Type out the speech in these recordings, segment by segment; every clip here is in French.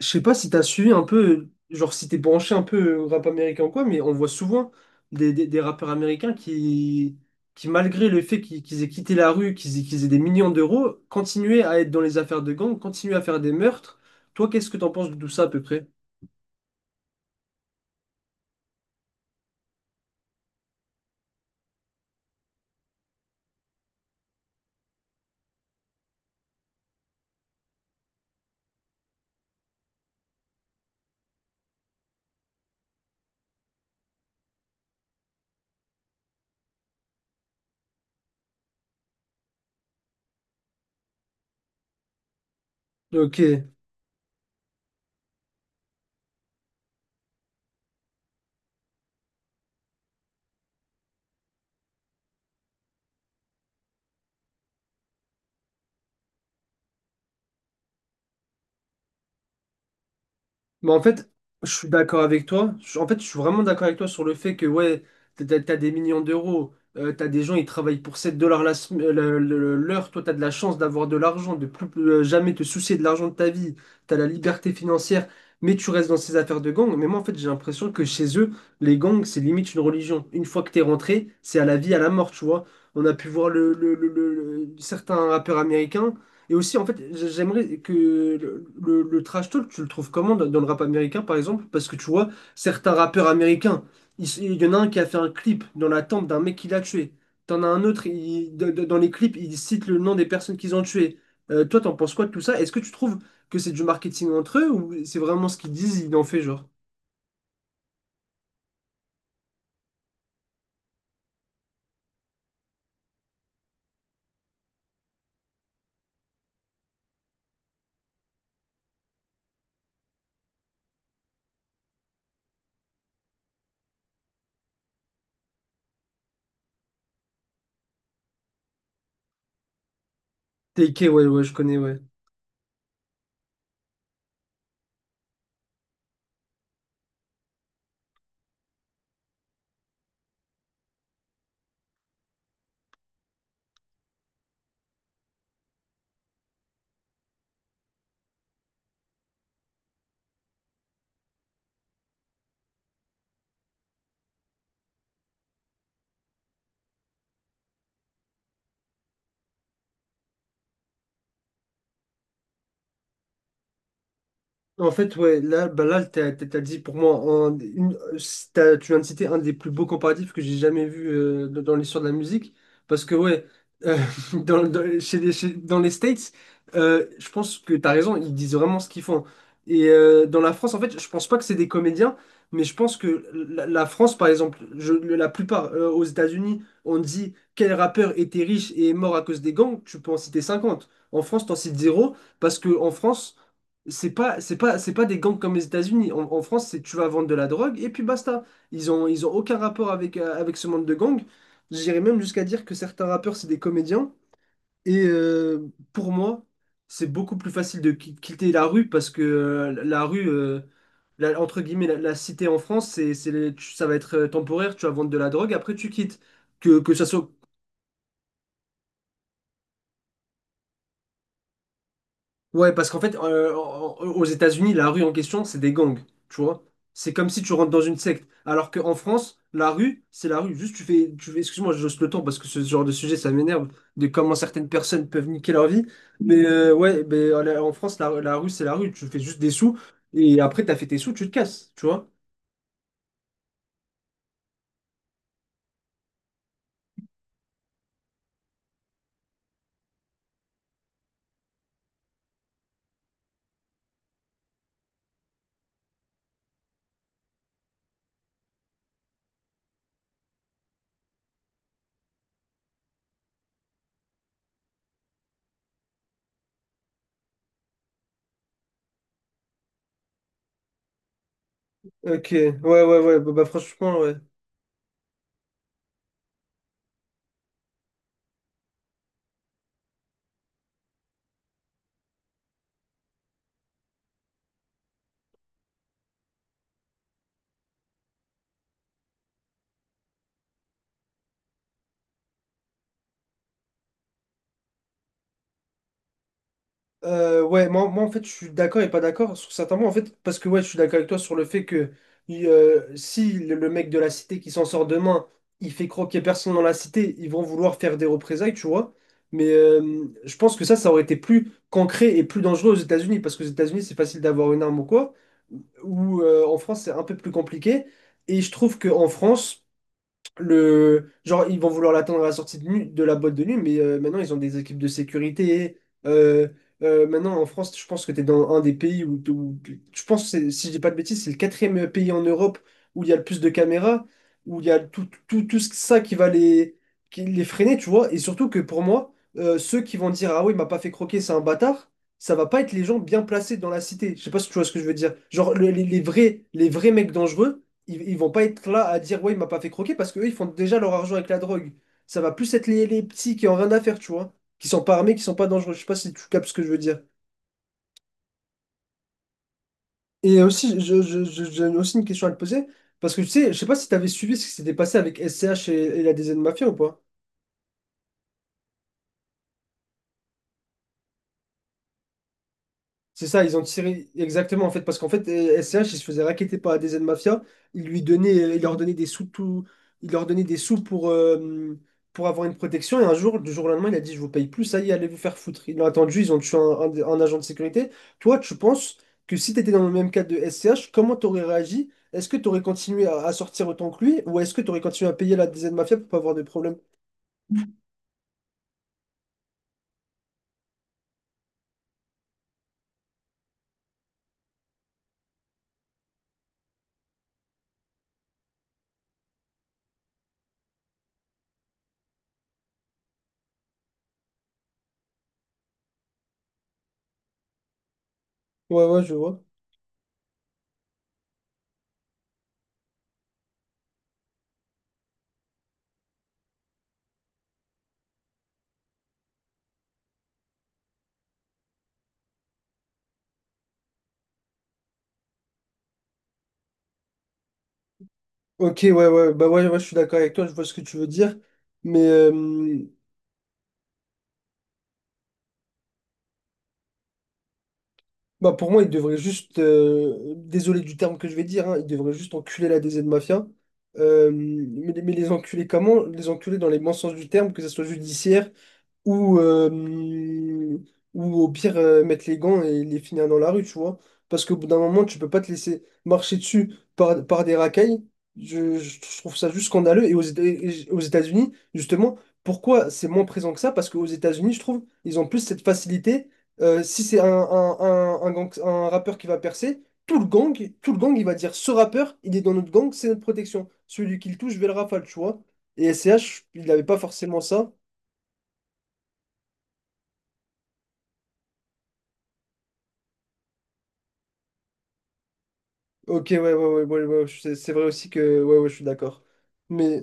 Je sais pas si t'as suivi un peu, genre si t'es branché un peu au rap américain ou quoi, mais on voit souvent des rappeurs américains qui malgré le fait qu'ils aient quitté la rue, qu'ils aient des millions d'euros, continuaient à être dans les affaires de gang, continuaient à faire des meurtres. Toi, qu'est-ce que t'en penses de tout ça à peu près? Ok. Mais en fait, je suis d'accord avec toi. En fait, je suis vraiment d'accord avec toi sur le fait que, ouais, t'as des millions d'euros, t'as des gens, ils travaillent pour 7 dollars la sem- le- l'heure. Toi, t'as de la chance d'avoir de l'argent, de plus jamais te soucier de l'argent de ta vie, t'as la liberté financière, mais tu restes dans ces affaires de gang. Mais moi, en fait, j'ai l'impression que chez eux, les gangs, c'est limite une religion. Une fois que t'es rentré, c'est à la vie, à la mort, tu vois. On a pu voir certains rappeurs américains. Et aussi, en fait, j'aimerais que le trash talk, tu le trouves comment dans le rap américain, par exemple? Parce que tu vois, certains rappeurs américains, y en a un qui a fait un clip dans la tente d'un mec qui l'a tué. T'en as un autre, dans les clips, il cite le nom des personnes qu'ils ont tuées. Toi, t'en penses quoi de tout ça? Est-ce que tu trouves que c'est du marketing entre eux ou c'est vraiment ce qu'ils disent, ils en fait genre? TK, ouais, ouais, je connais, ouais. En fait, ouais, là, bah là, t'as dit pour moi, un- une- tu viens de citer un des plus beaux comparatifs que j'ai jamais vu dans l'histoire de la musique. Parce que, ouais, euh, dans les States, je pense que t'as raison, ils disent vraiment ce qu'ils font. Et dans la France, en fait, je pense pas que c'est des comédiens, mais je pense que la France, par exemple, la plupart aux États-Unis, on dit quel rappeur était riche et est mort à cause des gangs, tu peux en citer 50. En France, t'en cites zéro, parce que en France, c'est pas des gangs comme les États-Unis. En France, c'est tu vas vendre de la drogue et puis basta. Ils ont aucun rapport avec ce monde de gangs. J'irais même jusqu'à dire que certains rappeurs, c'est des comédiens. Et pour moi, c'est beaucoup plus facile de quitter la rue parce que la rue, entre guillemets, la cité en France, ça va être temporaire. Tu vas vendre de la drogue, après tu quittes. Que ça soit. Ouais, parce qu'en fait, aux États-Unis, la rue en question, c'est des gangs, tu vois. C'est comme si tu rentres dans une secte. Alors qu'en France, la rue, c'est la rue. Juste, tu fais, excuse-moi, je hausse le ton parce que ce genre de sujet, ça m'énerve de comment certaines personnes peuvent niquer leur vie. Mais ouais, ben, en France, la rue, c'est la rue. Tu fais juste des sous et après, t'as fait tes sous, tu te casses, tu vois. Ok, ouais, ouais, ouais, bah, bah, franchement, ouais. Ouais, moi en fait je suis d'accord et pas d'accord sur certains mots en fait parce que ouais je suis d'accord avec toi sur le fait que si le mec de la cité qui s'en sort demain il fait croquer personne dans la cité ils vont vouloir faire des représailles, tu vois. Mais je pense que ça aurait été plus concret et plus dangereux aux États-Unis parce qu'aux États-Unis c'est facile d'avoir une arme ou quoi, ou en France c'est un peu plus compliqué. Et je trouve que en France genre, ils vont vouloir l'attendre à la sortie de la boîte de nuit, mais maintenant, ils ont des équipes de sécurité. Euh, Maintenant, en France, je pense que tu es dans un des pays où, je pense, si je dis pas de bêtises, c'est le quatrième pays en Europe où il y a le plus de caméras, où il y a tout, tout, tout ça qui va qui les freiner, tu vois. Et surtout que pour moi, ceux qui vont dire, ah oui, il m'a pas fait croquer, c'est un bâtard, ça va pas être les gens bien placés dans la cité. Je sais pas si tu vois ce que je veux dire. Genre, les vrais mecs dangereux ils vont pas être là à dire ouais, il m'a pas fait croquer, parce qu'eux, ils font déjà leur argent avec la drogue. Ça va plus être les petits qui ont rien à faire, tu vois, qui sont pas armés, qui sont pas dangereux. Je sais pas si tu captes ce que je veux dire. Et aussi, j'ai aussi une question à te poser, parce que tu sais, je sais pas si tu avais suivi ce qui s'était passé avec S SCH et la DZ Mafia ou pas. C'est ça, ils ont tiré, exactement. En fait, parce qu'en fait, SCH, ils se faisait racketter par des aides mafia, il lui donnait ils leur donnait des sous tout, il leur donnait des sous pour avoir une protection. Et un jour, du jour au lendemain, il a dit, je vous paye plus, ça y est, allez vous faire foutre. Ils l'ont attendu, ils ont tué un agent de sécurité. Toi, tu penses que si tu étais dans le même cas de SCH, comment t'aurais réagi? Est-ce que tu aurais continué à sortir autant que lui, ou est-ce que tu aurais continué à payer la des aides mafia pour pas avoir de problème? Ouais, ouais, je vois. Ok, ouais, ouais, bah ouais, ouais, je suis d'accord avec toi, je vois ce que tu veux dire. Mais, bah pour moi, il devrait juste, désolé du terme que je vais dire, hein, il devrait juste enculer la DZ Mafia. Mais les enculer comment? Les enculer dans les bons sens du terme, que ce soit judiciaire, ou ou au pire mettre les gants et les finir dans la rue, tu vois. Parce qu'au bout d'un moment, tu peux pas te laisser marcher dessus par des racailles. Je trouve ça juste scandaleux. Et aux États-Unis, justement, pourquoi c'est moins présent que ça? Parce qu'aux États-Unis, je trouve, ils ont plus cette facilité. Si c'est un rappeur qui va percer, tout le gang, il va dire ce rappeur, il est dans notre gang, c'est notre protection. Celui qui le touche, je vais le rafale, tu vois. Et SCH, il n'avait pas forcément ça. Ok, ouais, ouais, ouais, ouais, ouais, c'est vrai aussi que, ouais, ouais, je suis d'accord. Mais,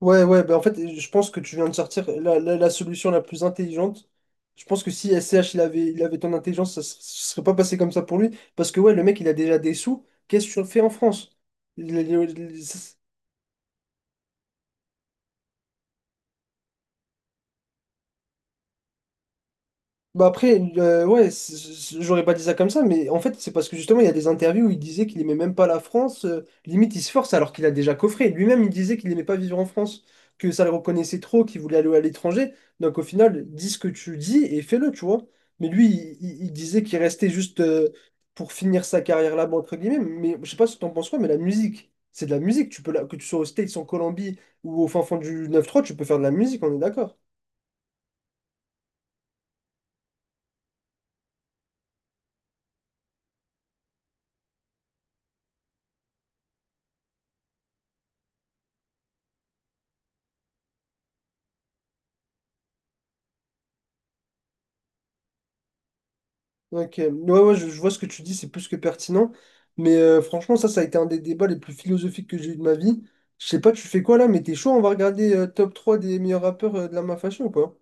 ouais, ouais, bah en fait, je pense que tu viens de sortir la solution la plus intelligente. Je pense que si SCH il avait ton intelligence, ça ne serait pas passé comme ça pour lui. Parce que, ouais, le mec, il a déjà des sous. Qu'est-ce que tu fais en France? Il- il- il- Bah après, ouais, j'aurais pas dit ça comme ça, mais en fait, c'est parce que justement, il y a des interviews où il disait qu'il aimait même pas la France. Limite, il se force alors qu'il a déjà coffré. Lui-même, il disait qu'il aimait pas vivre en France, que ça le reconnaissait trop, qu'il voulait aller à l'étranger. Donc au final, dis ce que tu dis et fais-le, tu vois. Mais lui, il disait qu'il restait juste pour finir sa carrière là-bas, entre guillemets. Mais je sais pas ce que t'en penses, quoi, mais la musique, c'est de la musique. Tu peux que tu sois aux States, en Colombie ou au fin fond du 9-3, tu peux faire de la musique, on est d'accord. Ok, ouais, ouais, je vois ce que tu dis, c'est plus que pertinent. Mais franchement, ça a été un des débats les plus philosophiques que j'ai eu de ma vie. Je sais pas, tu fais quoi là, mais t'es chaud, on va regarder top 3 des meilleurs rappeurs de la MAF Fashion ou quoi?